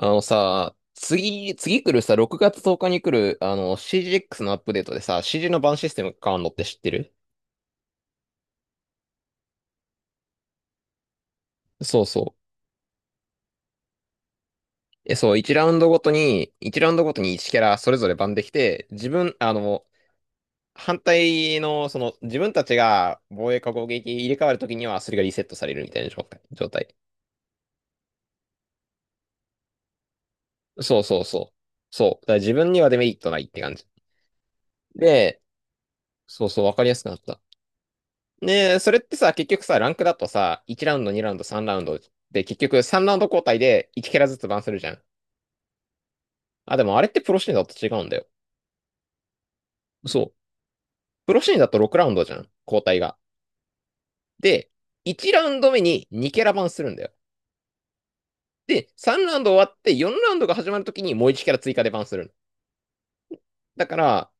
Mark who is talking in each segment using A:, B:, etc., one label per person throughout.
A: あのさ、次、次来るさ、6月10日に来るCGX のアップデートでさ、CG のバンシステムが変わるのって知ってる？そうそう。そう、1ラウンドごとに1キャラそれぞれバンできて、自分、あの、反対の、自分たちが防衛か攻撃入れ替わるときには、それがリセットされるみたいな状態。そうそうそう。そう。だから自分にはデメリットないって感じ。で、そうそう、わかりやすくなった。ねそれってさ、結局さ、ランクだとさ、1ラウンド、2ラウンド、3ラウンドで、結局3ラウンド交代で1キャラずつバンするじゃん。あ、でもあれってプロシーンだと違うんだよ。そう。プロシーンだと6ラウンドじゃん、交代が。で、1ラウンド目に2キャラバンするんだよ。で、3ラウンド終わって4ラウンドが始まるときにもう1キャラ追加でバンするだから、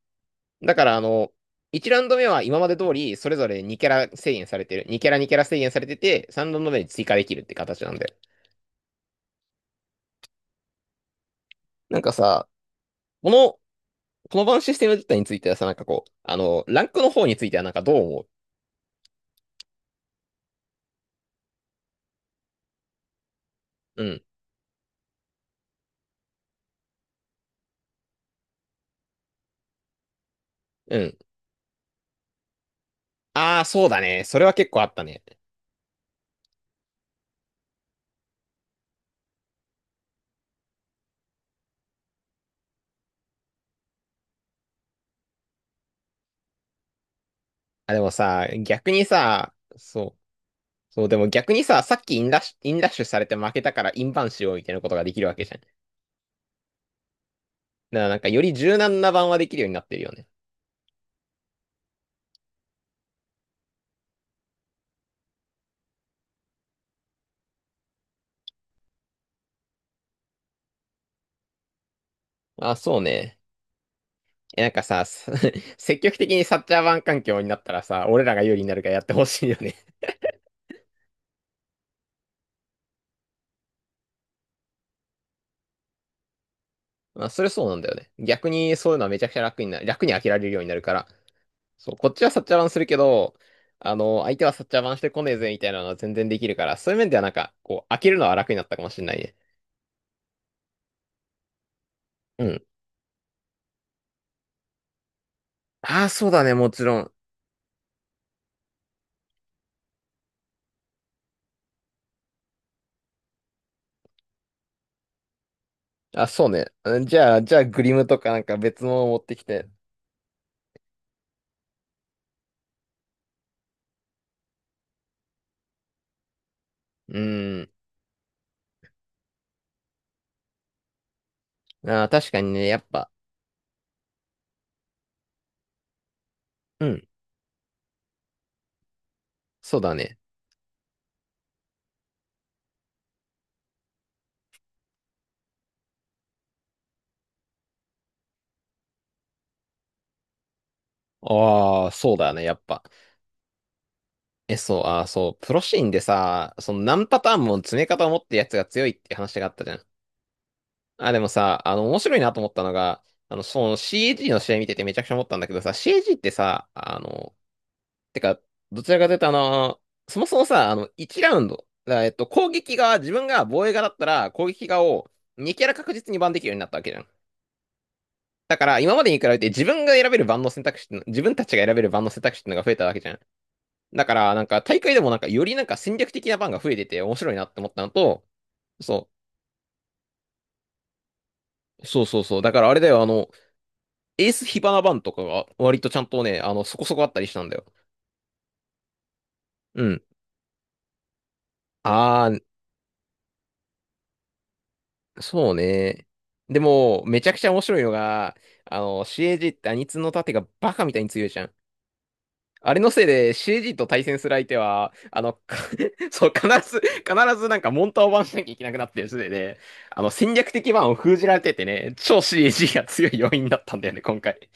A: だから1ラウンド目は今まで通りそれぞれ2キャラ制限されてる。2キャラ制限されてて、3ラウンド目に追加できるって形なんだよ。なんかさ、このこの場のシステム自体についてはさ、ランクの方についてはなんかどう思う？うん、うん。ああ、そうだね。それは結構あったね。あ、でもさ、逆にさ、そう。そう、でも逆にさ、さっきインラッシュされて負けたからインバンしようみたいなことができるわけじゃん。だからなんかより柔軟な版はできるようになってるよね。あ、そうね。え、なんかさ、す 積極的にサッチャー湾環境になったらさ、俺らが有利になるからやってほしいよね。まあ、それそうなんだよね。逆にそういうのはめちゃくちゃ楽になる、楽に飽きられるようになるから。そう、こっちはサッチャー湾するけど、相手はサッチャー湾してこねえぜみたいなのは全然できるから、そういう面ではなんか、こう、飽きるのは楽になったかもしれないね。うん。ああ、そうだね、もちろん。あ、そうね。うんじゃあ、じゃあ、グリムとかなんか別のを持ってきて。うーん。あー、確かにね、やっぱ、うん、そうだね。ああ、そうだね、やっぱ。え、そう、あ、そう、プロシーンでさ、その何パターンも詰め方を持ってるやつが強いっていう話があったじゃん。あ、でもさ、あの、面白いなと思ったのが、その c g の試合見ててめちゃくちゃ思ったんだけどさ、c g ってさ、あの、てか、どちらかというとそもそもさ、あの、1ラウンド、だからえっと、攻撃側、自分が防衛側だったら、攻撃側を2キャラ確実にバンできるようになったわけじゃん。だから、今までに比べて自分が選べる番の選択肢っての、自分たちが選べる番の選択肢っていうのが増えたわけじゃん。だから、なんか大会でもなんかよりなんか戦略的な番が増えてて面白いなって思ったのと、そそう。だからあれだよ、あの、エース火花番とかが割とちゃんとね、そこそこあったりしたんだよ。うん。あー、そうね。でも、めちゃくちゃ面白いのが、CAG ってアニツの盾がバカみたいに強いじゃん。あれのせいで CG と対戦する相手は、そう、必ずなんかモンターをバンしなきゃいけなくなってるせいで、戦略的バンを封じられててね、超 CG が強い要因だったんだよね、今回。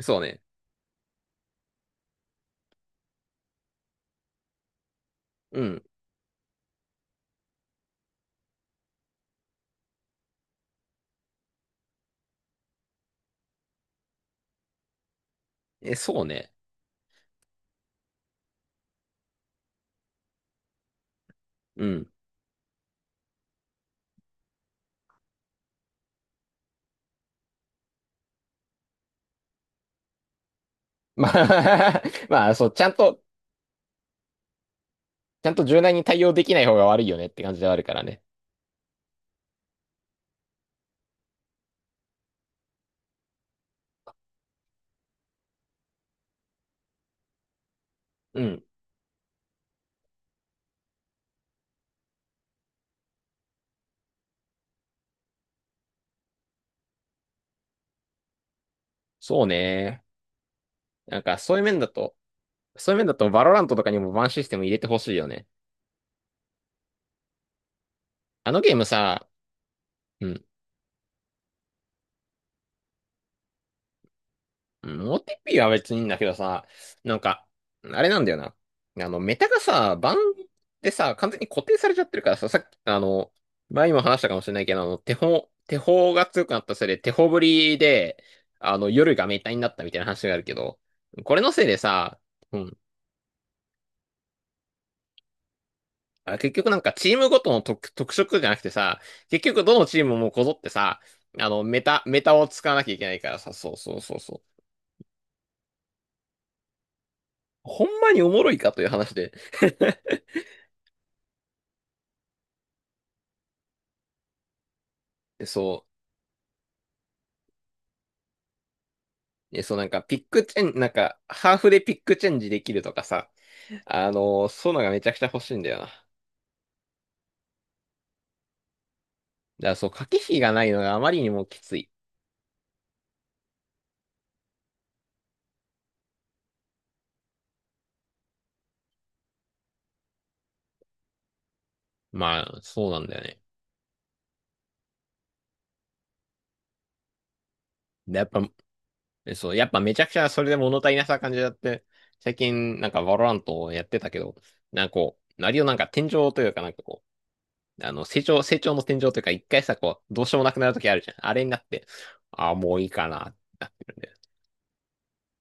A: そうね。うん。え、そうね。うん。まあ まあ、そう、ちゃんと、ちゃんと柔軟に対応できない方が悪いよねって感じではあるからね。うん。そうね。なんか、そういう面だと、そういう面だと、バロラントとかにもバンシステム入れてほしいよね。あのゲームさ、うんうん OTP は別にいいんだけどさ、なんか、あれなんだよな。あの、メタがさ、バンでさ、完全に固定されちゃってるからさ、さっき、あの、前にも話したかもしれないけど、手法が強くなったせいで、手法ぶりで、夜がメタになったみたいな話があるけど、これのせいでさ、うん。あ、結局なんかチームごとの特、特色じゃなくてさ、結局どのチームもこぞってさ、メタを使わなきゃいけないからさ、そうそうそうそう。ほんまにおもろいかという話で。そう。で、そうなんかピックチェン、なんかハーフでピックチェンジできるとかさ、あのーそういうのがめちゃくちゃ欲しいんだよな。だからそう、駆け引きがないのがあまりにもきつい。まあ、そうなんだよね。で、やっぱ、そう、やっぱめちゃくちゃそれで物足りなさ感じだって、最近なんかバロラントをやってたけど、割をなんか天井というかなんかこう、あの、成長、成長の天井というか一回さ、こう、どうしようもなくなるときあるじゃん。あれになって、ああ、もういいかな、ってなってるんだよ。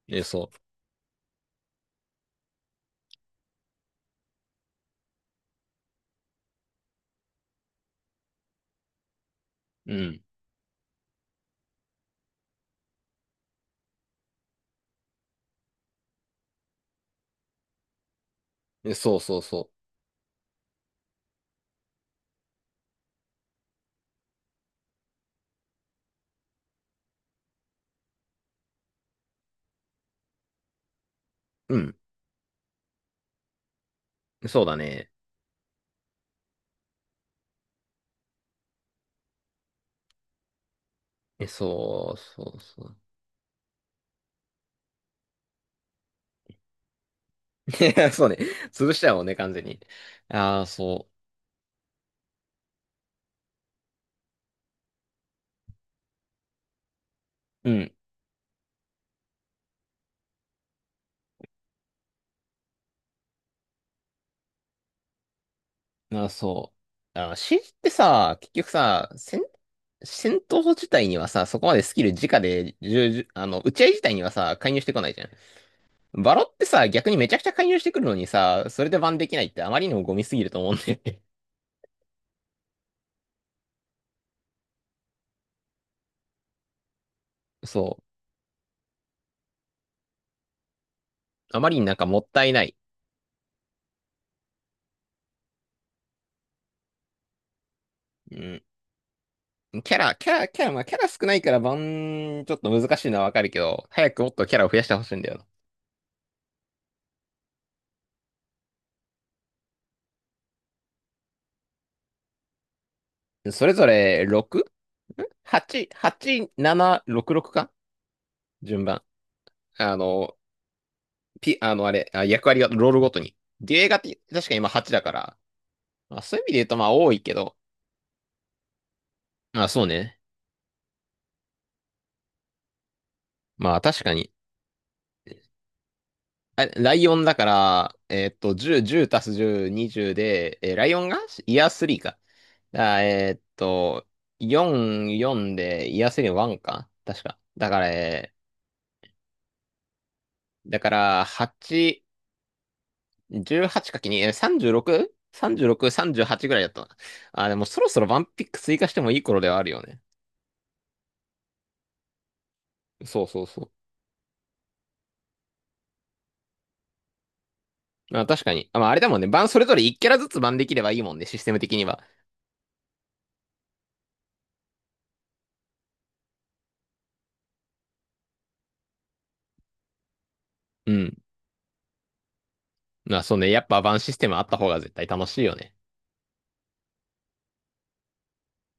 A: え、そう。うん。えそうそうそう。うん。そうだね。え、そう、そう、そう。いや、そうね。潰しちゃうもんね、完全に。ああ、そう。うん。ああ、そう。ああ、シージーってさ、結局さ、戦、戦闘自体にはさ、そこまでスキル直で、じゅうじゅあの、打ち合い自体にはさ、介入してこないじゃん。バロってさ、逆にめちゃくちゃ介入してくるのにさ、それでバンできないってあまりにもゴミすぎると思うんだよね。そう。あまりになんかもったいない。うん。キャラ少ないからバン、ちょっと難しいのはわかるけど、早くもっとキャラを増やしてほしいんだよな。それぞれ 6?8、8、7、6、6か順番。あの、ピ、あの、あれ、あ、役割がロールごとに。デュエガって確か今8だから、まあ、そういう意味で言うとまあ多いけど、まあそうね。まあ確かに。あ、ライオンだから、えーっと、10、10足す10、20で、えーライオンがイヤースリーか。あ、えーっと、4、4でイヤー3の1か。確か。だから8、1 8 ×にえ 36?36、36 38ぐらいだったな。あ、でもそろそろワンピック追加してもいい頃ではあるよね。そうそうそう。まあ、確かに。あ、まあ、あれだもんね。バンそれぞれ1キャラずつバンできればいいもんね、システム的には。うん。まあそうね、やっぱバンシステムあった方が絶対楽しいよね。